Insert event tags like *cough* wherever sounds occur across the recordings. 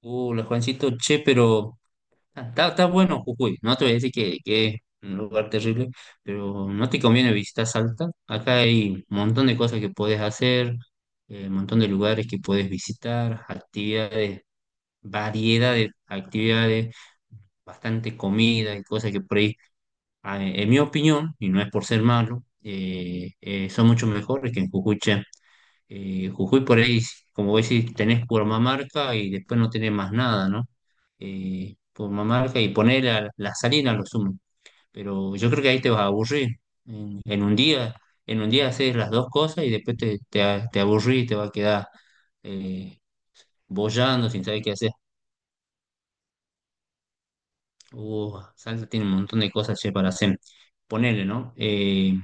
La Juancito, che, pero está bueno Jujuy. No te voy a decir que es un lugar terrible, pero no te conviene visitar Salta. Acá hay un montón de cosas que puedes hacer, un montón de lugares que puedes visitar, actividades, variedad de actividades, bastante comida y cosas que por ahí, en mi opinión, y no es por ser malo, son mucho mejores que en Jujuy. Che. Jujuy por ahí, como vos decís, tenés Purmamarca y después no tenés más nada, ¿no? Purmamarca y poner la salina a lo sumo. Pero yo creo que ahí te vas a aburrir. En, en un día, en un día haces las dos cosas y después te aburrís y te va a quedar eh, boyando sin saber qué hacer. Salta tiene un montón de cosas, che, para hacer. Ponele, ¿no?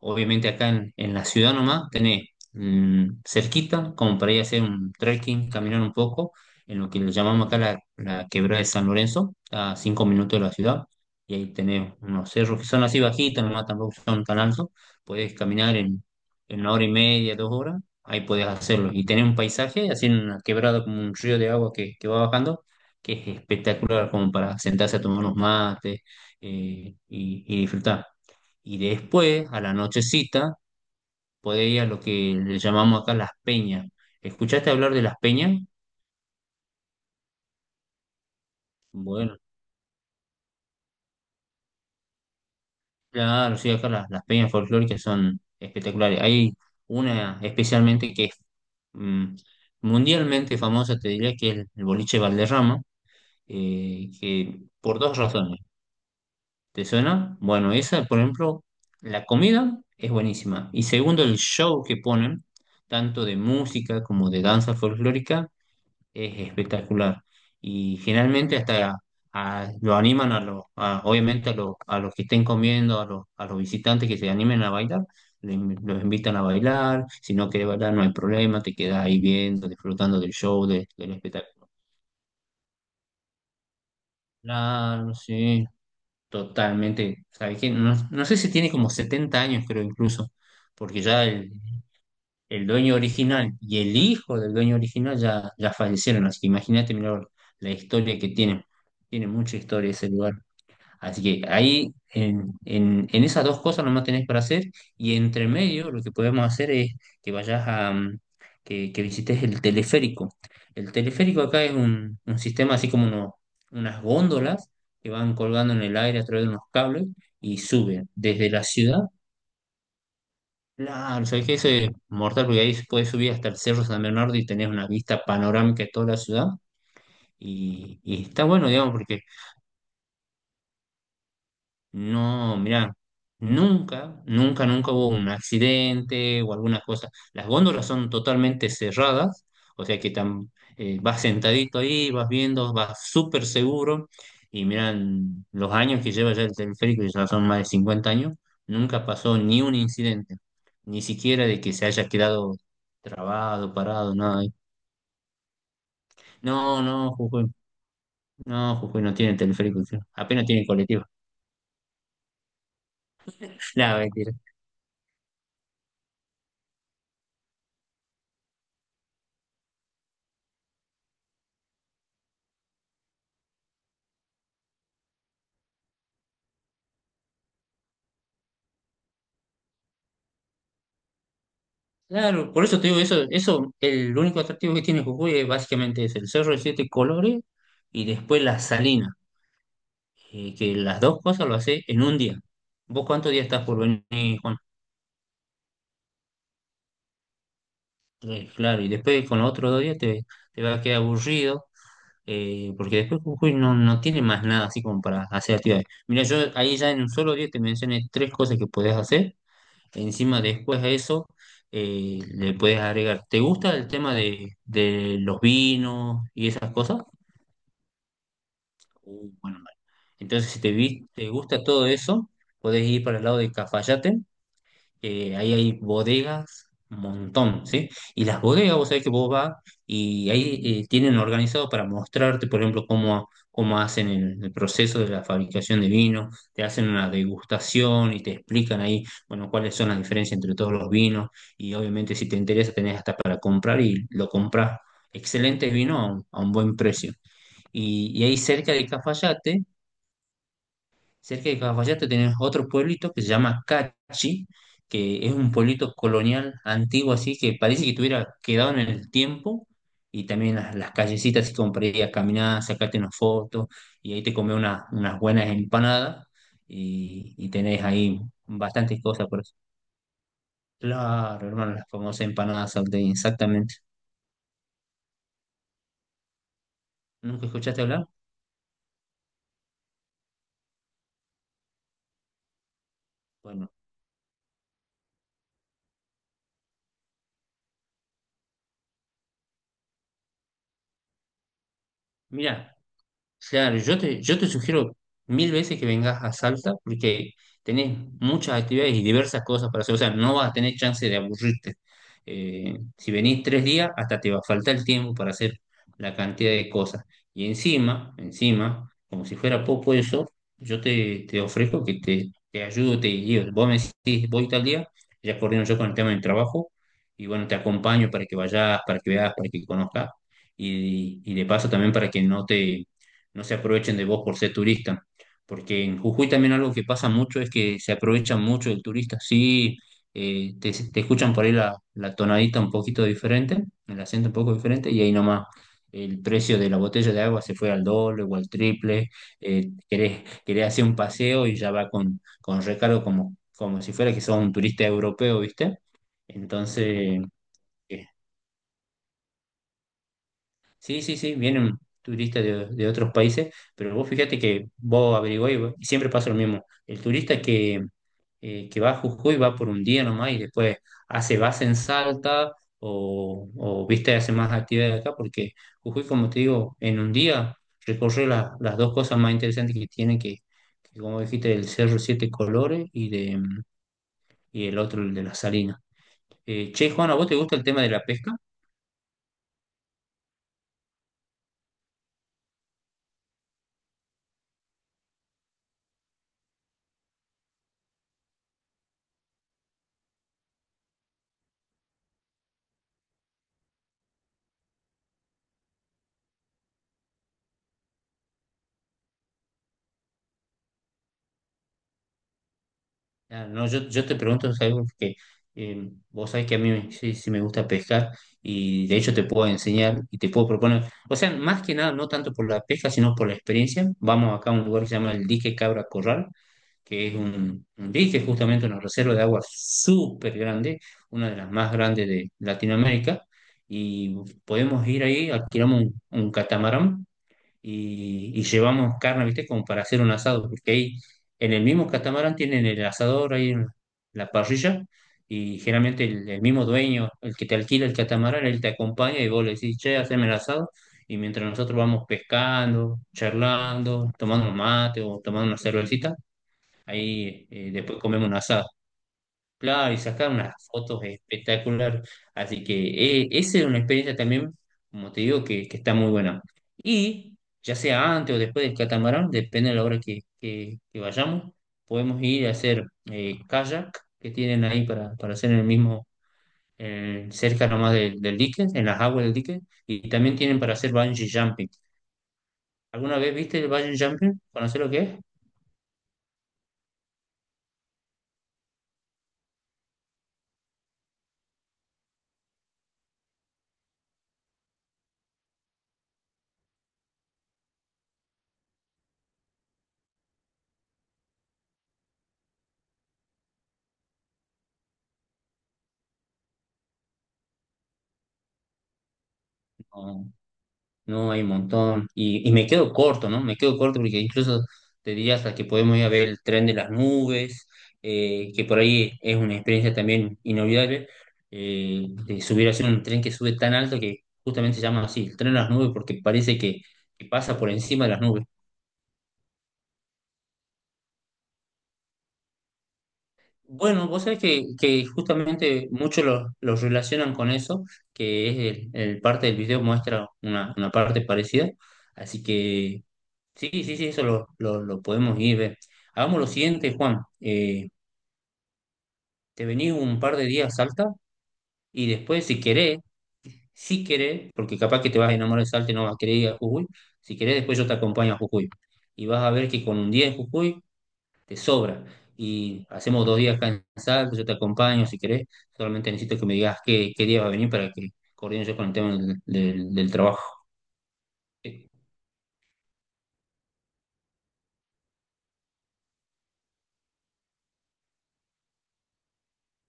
Obviamente acá en la ciudad nomás tenés cerquita, como para ir a hacer un trekking, caminar un poco, en lo que le llamamos acá la Quebrada de San Lorenzo, a 5 minutos de la ciudad, y ahí tenés unos cerros que son así bajitos, nomás tampoco son tan altos, podés caminar en una hora y media, 2 horas, ahí podés hacerlo, y tenés un paisaje, así en una quebrada como un río de agua que va bajando, que es espectacular como para sentarse a tomar unos mates y disfrutar. Y después, a la nochecita, podés ir a lo que le llamamos acá las peñas. ¿Escuchaste hablar de las peñas? Bueno, claro, sí, acá las peñas folclóricas son espectaculares. Hay una especialmente que es mm, mundialmente famosa, te diría, que es el boliche Valderrama, que por dos razones. ¿Te suena? Bueno, esa, por ejemplo, la comida es buenísima. Y segundo, el show que ponen, tanto de música como de danza folclórica, es espectacular. Y generalmente hasta lo animan a obviamente a los que estén comiendo, a los visitantes que se animen a bailar, los invitan a bailar. Si no querés bailar, no hay problema, te quedas ahí viendo, disfrutando del show, del espectáculo. Claro, sí. Totalmente, ¿sabes qué? No, no sé si tiene como 70 años, creo incluso, porque ya el dueño original y el hijo del dueño original ya fallecieron, así que imagínate, mirá, la historia que tiene, tiene mucha historia ese lugar. Así que ahí en esas dos cosas nomás tenés para hacer, y entre medio lo que podemos hacer es que vayas a que visites el teleférico. El teleférico acá es un sistema así como unas góndolas que van colgando en el aire a través de unos cables y suben desde la ciudad. Claro, sabés que eso es mortal porque ahí se puede subir hasta el Cerro San Bernardo y tenés una vista panorámica de toda la ciudad. Y está bueno, digamos, porque, no, mira, nunca, nunca, nunca hubo un accidente o alguna cosa. Las góndolas son totalmente cerradas, o sea que vas sentadito ahí, vas viendo, vas súper seguro. Y miran, los años que lleva ya el teleférico, ya son más de 50 años, nunca pasó ni un incidente, ni siquiera de que se haya quedado trabado, parado, nada. No, no, Jujuy, no, Jujuy no tiene teleférico, sí, apenas tiene colectivo. *laughs* No, mentira. Claro, por eso te digo, el único atractivo que tiene Jujuy es básicamente es el Cerro de Siete Colores y después la Salina, que las dos cosas lo hace en un día. ¿Vos cuántos días estás por venir, Juan? Tres, claro, y después con los otros 2 días te va a quedar aburrido, porque después Jujuy no tiene más nada así como para hacer actividades. Mira, yo ahí ya en un solo día te mencioné tres cosas que podés hacer. Encima, después de eso, le puedes agregar. ¿Te gusta el tema de los vinos y esas cosas? Bueno, vale. Entonces, si te gusta todo eso, podés ir para el lado de Cafayate. Ahí hay bodegas, un montón, ¿sí? Y las bodegas, vos sabés que vos vas y ahí tienen organizado para mostrarte, por ejemplo, cómo hacen el proceso de la fabricación de vino, te hacen una degustación y te explican ahí, bueno, cuáles son las diferencias entre todos los vinos, y obviamente si te interesa tenés hasta para comprar y lo compras. Excelente vino a un buen precio. Y ahí cerca de Cafayate Cerca de Cafayate tenés otro pueblito que se llama Cachi, que es un pueblito colonial antiguo, así que parece que tuviera quedado en el tiempo. Y también las callecitas, así como para ir a caminar, sacarte unas fotos, y ahí te comes unas buenas empanadas. Y tenés ahí bastantes cosas por eso. Claro, hermano, las famosas empanadas salteñas, exactamente. ¿Nunca escuchaste hablar? Bueno, mira. Claro, yo te sugiero mil veces que vengas a Salta porque tenés muchas actividades y diversas cosas para hacer. O sea, no vas a tener chance de aburrirte. Si venís 3 días, hasta te va a faltar el tiempo para hacer la cantidad de cosas. Y encima, encima, como si fuera poco eso, yo te ofrezco que te ayudo, te guío. Vos me decís, voy tal día, ya coordino yo con el tema del trabajo, y bueno, te acompaño para que vayas, para que veas, para que conozcas, y de paso también para que no se aprovechen de vos por ser turista. Porque en Jujuy también algo que pasa mucho es que se aprovechan mucho del turista. Sí, te escuchan por ahí la tonadita un poquito diferente, el acento un poco diferente, y ahí nomás el precio de la botella de agua se fue al doble o al triple. Querés hacer un paseo y ya va con recargo como si fuera que sos un turista europeo, ¿viste? Entonces, eh, Sí, sí, sí, vienen turistas de otros países, pero vos fíjate que vos averiguás y siempre pasa lo mismo. El turista que va a Jujuy va por un día nomás y después hace base en Salta viste, hace más actividades acá, porque Jujuy, como te digo, en un día recorre las dos cosas más interesantes que tiene, que como dijiste, el Cerro Siete Colores y el otro, el de la Salina. Che, Juana, ¿a vos te gusta el tema de la pesca? No, yo te pregunto, es algo que vos sabés que sí, sí me gusta pescar, y de hecho te puedo enseñar y te puedo proponer, o sea, más que nada, no tanto por la pesca, sino por la experiencia. Vamos acá a un lugar que se llama el dique Cabra Corral, que es un dique, justamente una reserva de agua súper grande, una de las más grandes de Latinoamérica, y podemos ir ahí, alquilamos un catamarán y llevamos carne, ¿viste? Como para hacer un asado, porque ahí en el mismo catamarán tienen el asador ahí en la parrilla, y generalmente el mismo dueño, el que te alquila el catamarán, él te acompaña y vos le decís, che, haceme el asado, y mientras nosotros vamos pescando, charlando, tomando un mate o tomando una cervecita, ahí después comemos un asado. Claro, y sacar unas fotos espectacular. Así que esa es una experiencia también, como te digo, que está muy buena. Y ya sea antes o después del catamarán, depende de la hora que vayamos, podemos ir a hacer kayak, que tienen ahí para hacer en el mismo, cerca nomás del dique, en las aguas del dique. Y también tienen para hacer bungee jumping. ¿Alguna vez viste el bungee jumping? ¿Conoces lo que es? No. No, hay un montón. Y me quedo corto, ¿no? Me quedo corto porque incluso te diría hasta que podemos ir a ver el tren de las nubes, que por ahí es una experiencia también inolvidable, de subir hacer un tren que sube tan alto que justamente se llama así, el tren de las nubes, porque parece que pasa por encima de las nubes. Bueno, vos sabés que justamente muchos los relacionan con eso, que es el parte del video muestra una parte parecida. Así que sí, sí, sí, eso lo podemos ir ver. Hagamos lo siguiente, Juan. Te venís un par de días a Salta y después, si querés, porque capaz que te vas a enamorar de Salta y no vas a querer ir a Jujuy, si querés, después yo te acompaño a Jujuy. Y vas a ver que con un día en Jujuy te sobra. Y hacemos 2 días acá en Salta, yo te acompaño si querés. Solamente necesito que me digas qué día va a venir para que coordine yo con el tema del trabajo. Eh,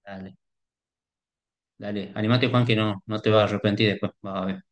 Dale, dale. Animate, Juan, que no te vas a arrepentir después. Vas a ver.